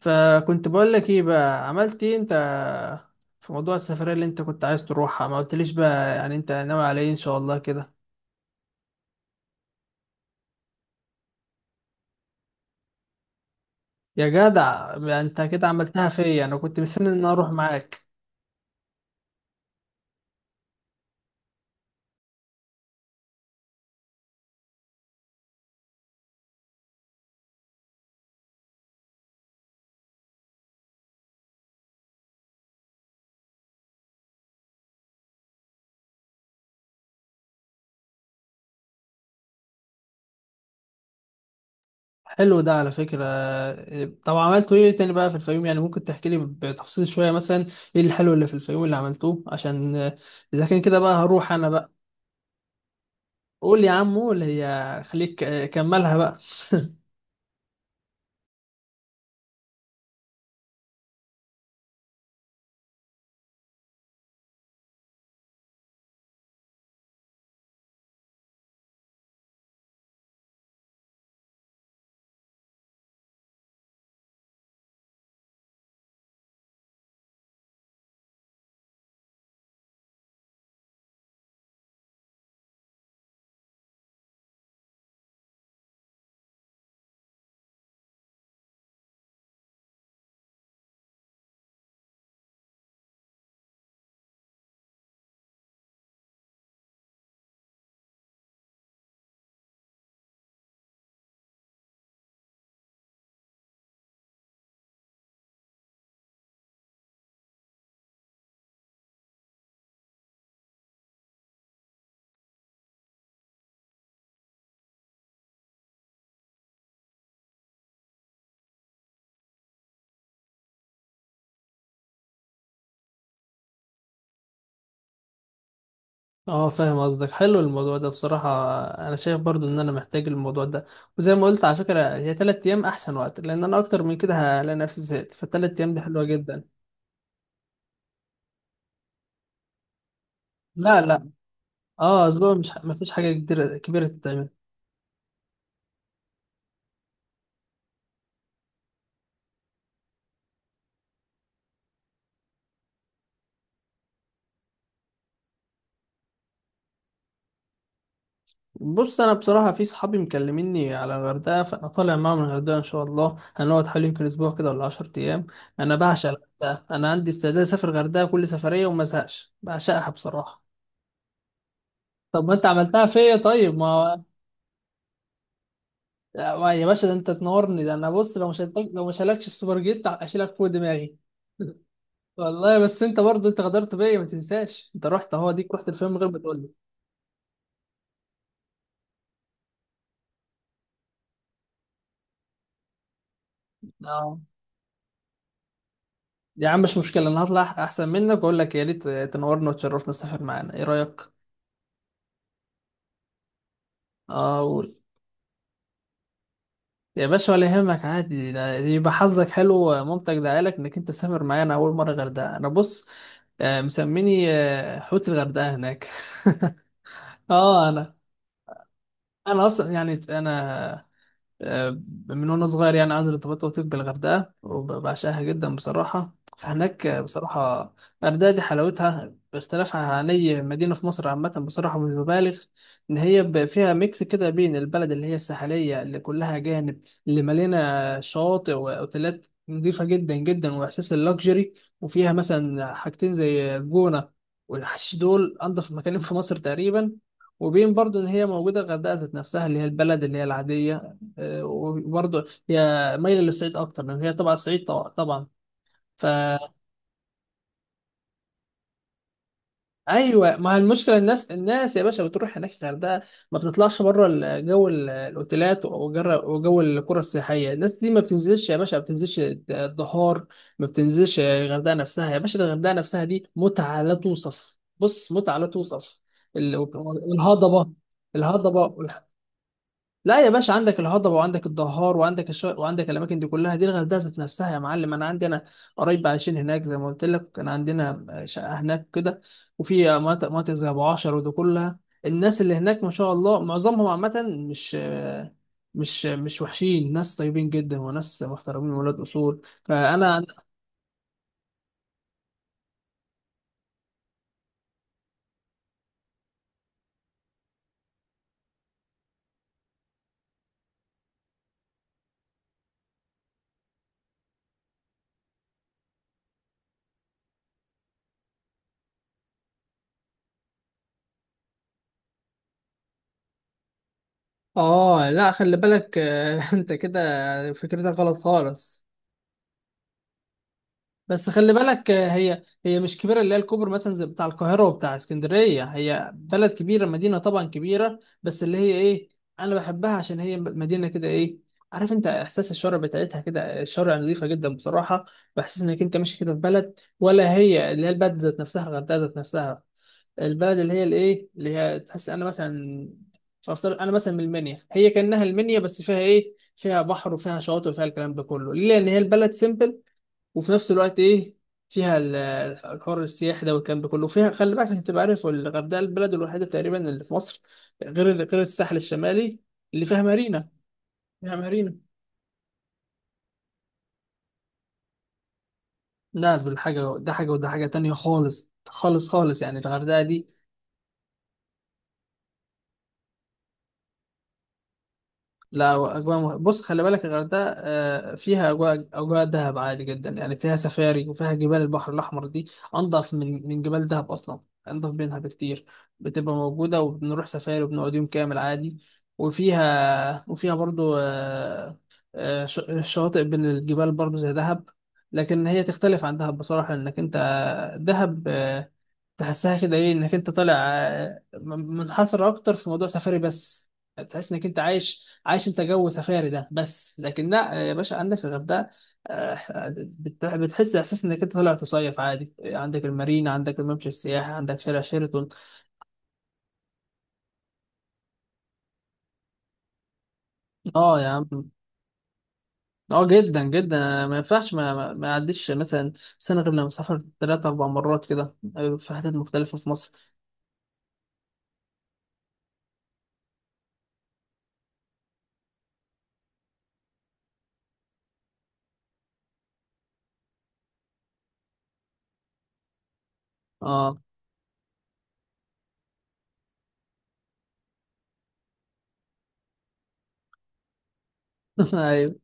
فكنت بقول لك ايه بقى عملت ايه انت في موضوع السفرية اللي انت كنت عايز تروحها؟ ما قلتليش بقى يعني انت ناوي على ايه ان شاء الله كده؟ يا جدع بقى انت كده عملتها فيا، انا كنت مستني ان أنا اروح معاك. حلو ده على فكرة. طب عملتوا ايه تاني بقى في الفيوم يعني؟ ممكن تحكي لي بتفصيل شوية مثلا ايه الحلو اللي في الفيوم اللي عملتوه؟ عشان اذا كان كده بقى هروح انا بقى. قول يا عمو، اللي هي خليك كملها بقى. اه فاهم قصدك، حلو الموضوع ده بصراحة. انا شايف برضو ان انا محتاج الموضوع ده. وزي ما قلت على فكرة، هي تلات ايام احسن وقت، لان انا اكتر من كده هلاقي نفسي زهقت، فالتلات ايام دي حلوة جدا. لا لا. اه اسبوع، مش مفيش حاجة كبيرة كبيرة تتعمل. بص، انا بصراحة في صحابي مكلميني على الغردقة، فانا طالع معاهم الغردقة ان شاء الله، هنقعد حوالي يمكن اسبوع كده ولا 10 ايام. انا بعشق الغردقة، انا عندي استعداد اسافر الغردقة كل سفرية وما ازهقش، بعشقها بصراحة. طب ما انت عملتها فيا، طيب ما... لا، يا باشا ده انت تنورني، ده انا بص، لو مش هلاكش السوبر جيت اشيلك فوق دماغي. والله بس انت برضه انت غدرت بيا ما تنساش، انت رحت اهو ديك، رحت الفيلم من غير ما تقول لي. اه يا عم مش مشكله، انا هطلع احسن منك واقول لك يا ريت تنورنا وتشرفنا، سافر معانا ايه رايك؟ اه قول. يا باشا ولا يهمك، عادي، ده يبقى حظك حلو ومامتك دعالك انك انت سافر معانا اول مره غردقه. انا بص، مسميني حوت الغردقه هناك. اه انا اصلا يعني انا، آه، من وانا صغير يعني عندي ارتباط وثيق بالغردقه وبعشقها جدا بصراحه. فهناك، بصراحه الغردقه دي حلاوتها باختلافها عن اي مدينه في مصر عامه، بصراحه مش ببالغ. ان هي فيها ميكس كده بين البلد اللي هي الساحليه اللي كلها جانب، اللي مليانه شواطئ واوتيلات نظيفه جدا جدا واحساس اللوكجري، وفيها مثلا حاجتين زي الجونه والحشيش، دول انضف مكانين في مصر تقريبا. وبين برضو ان هي موجوده الغردقه ذات نفسها اللي هي البلد اللي هي العاديه. وبرضه هي مايلة للصعيد أكتر، لأن هي طبعا صعيد طبعا. فا أيوه ما هي المشكلة، الناس يا باشا بتروح هناك الغردقة، ما بتطلعش بره جو الأوتيلات وجو القرى السياحية. الناس دي ما بتنزلش يا باشا، ما بتنزلش الدهار، ما بتنزلش الغردقة نفسها يا باشا. الغردقة نفسها دي متعة لا توصف، بص متعة لا توصف. والهضبة، الهضبة، لا يا باشا عندك الهضبة وعندك الدهار وعندك وعندك الأماكن دي كلها، دي الغردقة ذات نفسها يا معلم. أنا عندي قرايب عايشين هناك زي ما قلت لك، كان عندنا شقة هناك كده. وفي مناطق مناطق زي أبو عشر ودي كلها. الناس اللي هناك ما شاء الله معظمهم عامة مش وحشين، ناس طيبين جدا وناس محترمين ولاد أصول. فأنا آه لا خلي بالك أنت كده فكرتك غلط خالص. بس خلي بالك، هي مش كبيره، اللي هي الكوبر مثلا زي بتاع القاهره وبتاع اسكندريه، هي بلد كبيره، مدينه طبعا كبيره، بس اللي هي ايه، انا بحبها عشان هي مدينه كده ايه، عارف؟ انت احساس الشوارع بتاعتها كده، الشوارع نظيفه جدا بصراحه. بحس انك انت ماشي كده في بلد، ولا هي اللي هي البلد ذات نفسها، الغردقه ذات نفسها، البلد اللي هي الايه، اللي هي تحس، انا مثلا، فافترض انا مثلا من المنيا، هي كانها المنيا بس فيها ايه، فيها بحر وفيها شواطئ وفيها الكلام ده كله. ليه؟ لان هي البلد سيمبل وفي نفس الوقت ايه، فيها الحر السياحي ده والكلام ده كله. وفيها خلي بالك عشان تبقى عارف، الغردقه البلد الوحيده تقريبا اللي في مصر غير الساحل الشمالي اللي فيها مارينا. فيها مارينا. لا، دول حاجه، ده حاجه وده حاجه تانية خالص خالص خالص، يعني الغردقه دي. لا أجواء بص خلي بالك، الغردقة فيها أجواء، أجواء دهب عادي جدا يعني، فيها سفاري وفيها جبال البحر الأحمر دي، أنضف من جبال دهب أصلا، أنضف منها بكتير. بتبقى موجودة وبنروح سفاري وبنقعد يوم كامل عادي. وفيها برضو شواطئ بين الجبال برضو زي دهب. لكن هي تختلف عن دهب بصراحة، لأنك أنت دهب تحسها كده ايه، انك انت طالع منحصر اكتر في موضوع سفاري بس، تحس انك انت عايش عايش انت جو سفاري ده بس. لكن لا يا باشا عندك الغردقه، آه، بتحس احساس انك انت طالع تصيف عادي، عندك المارينا، عندك الممشى السياحي، عندك شارع شيراتون. اه يا عم. اه جدا جدا، أنا ما ينفعش ما اعديش مثلا سنه غير لما اسافر ثلاث اربع مرات كده، في حتت مختلفه في مصر. اه ايوه.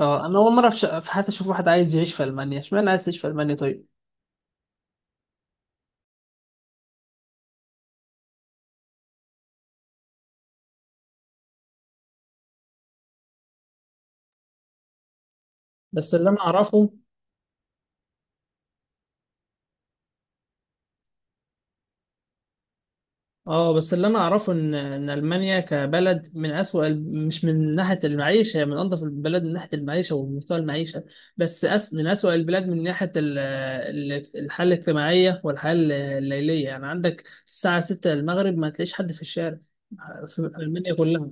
اه انا اول مره في حياتي اشوف واحد عايز يعيش في المانيا، اشمعنى عايز يعيش في المانيا طيب؟ بس اللي انا اعرفه اه بس اللي انا اعرفه ان المانيا كبلد من اسوأ مش من ناحيه المعيشه، هي من انظف البلاد من ناحيه المعيشه ومستوى المعيشه، بس من اسوأ البلاد من ناحيه الحاله الاجتماعيه والحياه الليليه. يعني عندك الساعه 6 المغرب ما تلاقيش حد في الشارع في المانيا كلها.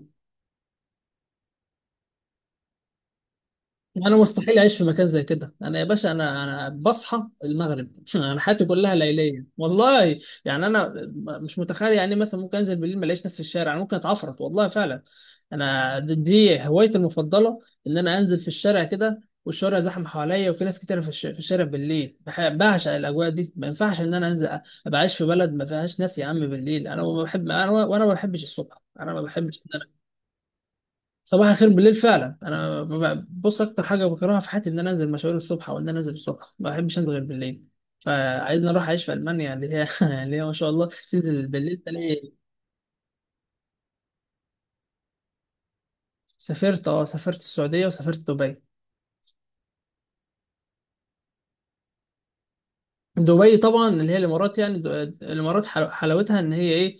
انا مستحيل اعيش في مكان زي كده، انا يا باشا انا بصحى المغرب انا حياتي كلها ليليه والله. يعني انا مش متخيل، يعني مثلا ممكن انزل بالليل ما الاقيش ناس في الشارع، انا ممكن اتعفرت والله فعلا. انا دي هوايتي المفضله، ان انا انزل في الشارع كده والشوارع زحمه حواليا وفي ناس كتير في في الشارع بالليل، بعشق الاجواء دي. ما ينفعش ان انا انزل ابقى عايش في بلد ما فيهاش ناس يا عم بالليل، انا ما بحب، انا وانا ما بحبش الصبح، انا ما بحبش صباح الخير بالليل فعلا. انا بص اكتر حاجه بكرهها في حياتي ان انا انزل مشاوير الصبح، او ان انا انزل الصبح، ما بحبش انزل غير بالليل. فعايزني اروح اعيش في المانيا اللي هي اللي هي ما شاء الله تنزل بالليل تلاقي. سافرت اه، سافرت السعوديه وسافرت دبي. دبي طبعا اللي هي الامارات يعني، الامارات حلاوتها ان هي ايه،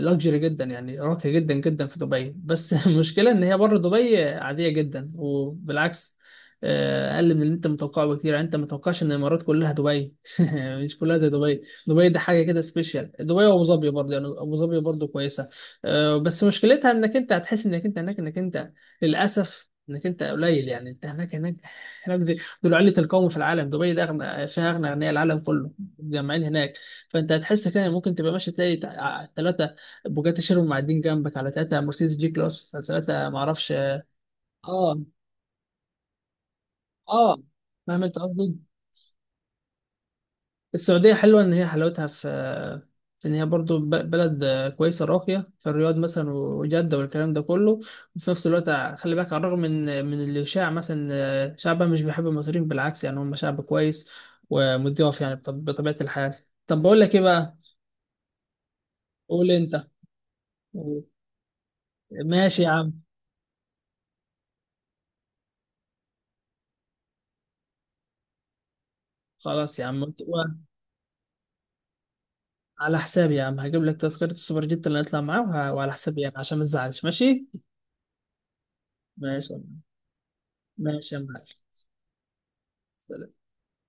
لاكجري جدا يعني، راقية جدا جدا في دبي. بس المشكلة ان هي بره دبي عادية جدا، وبالعكس اقل من اللي انت متوقعه بكتير، يعني انت متوقعش ان الامارات كلها دبي مش كلها زي دبي. دبي دي حاجة كده سبيشال، دبي وابو ظبي برضه، يعني ابو ظبي برضه كويسة بس مشكلتها انك انت هتحس انك انت هناك انك انت للاسف انك انت قليل، يعني انت هناك هناك. دول علة القوم في العالم، دبي ده أغنى فيها، أغنى أغنياء العالم كله متجمعين هناك. فأنت هتحس كده ممكن تبقى ماشي تلاقي ثلاثة بوجاتي شيرون معدين جنبك، على ثلاثة مرسيدس جي كلاس، على ثلاثة معرفش. اه. اه فاهم أنت قصدي؟ السعودية حلوة إن هي حلاوتها في إن هي برضو بلد كويسة راقية في الرياض مثلا وجدة والكلام ده كله. وفي نفس الوقت خلي بالك، على الرغم من الإشاعة مثلا شعبها مش بيحب المصريين، بالعكس يعني، هم شعب كويس ومضياف يعني بطبيعة الحال. طب بقول لك إيه بقى؟ قول أنت. ماشي يا عم. خلاص يا عم على حسابي يا عم، هجيب لك تذكرة السوبر جيت اللي هنطلع معاه، وعلى حسابي يعني عشان ما تزعلش، ماشي. ماشي يا عم. ماشي يا معلم.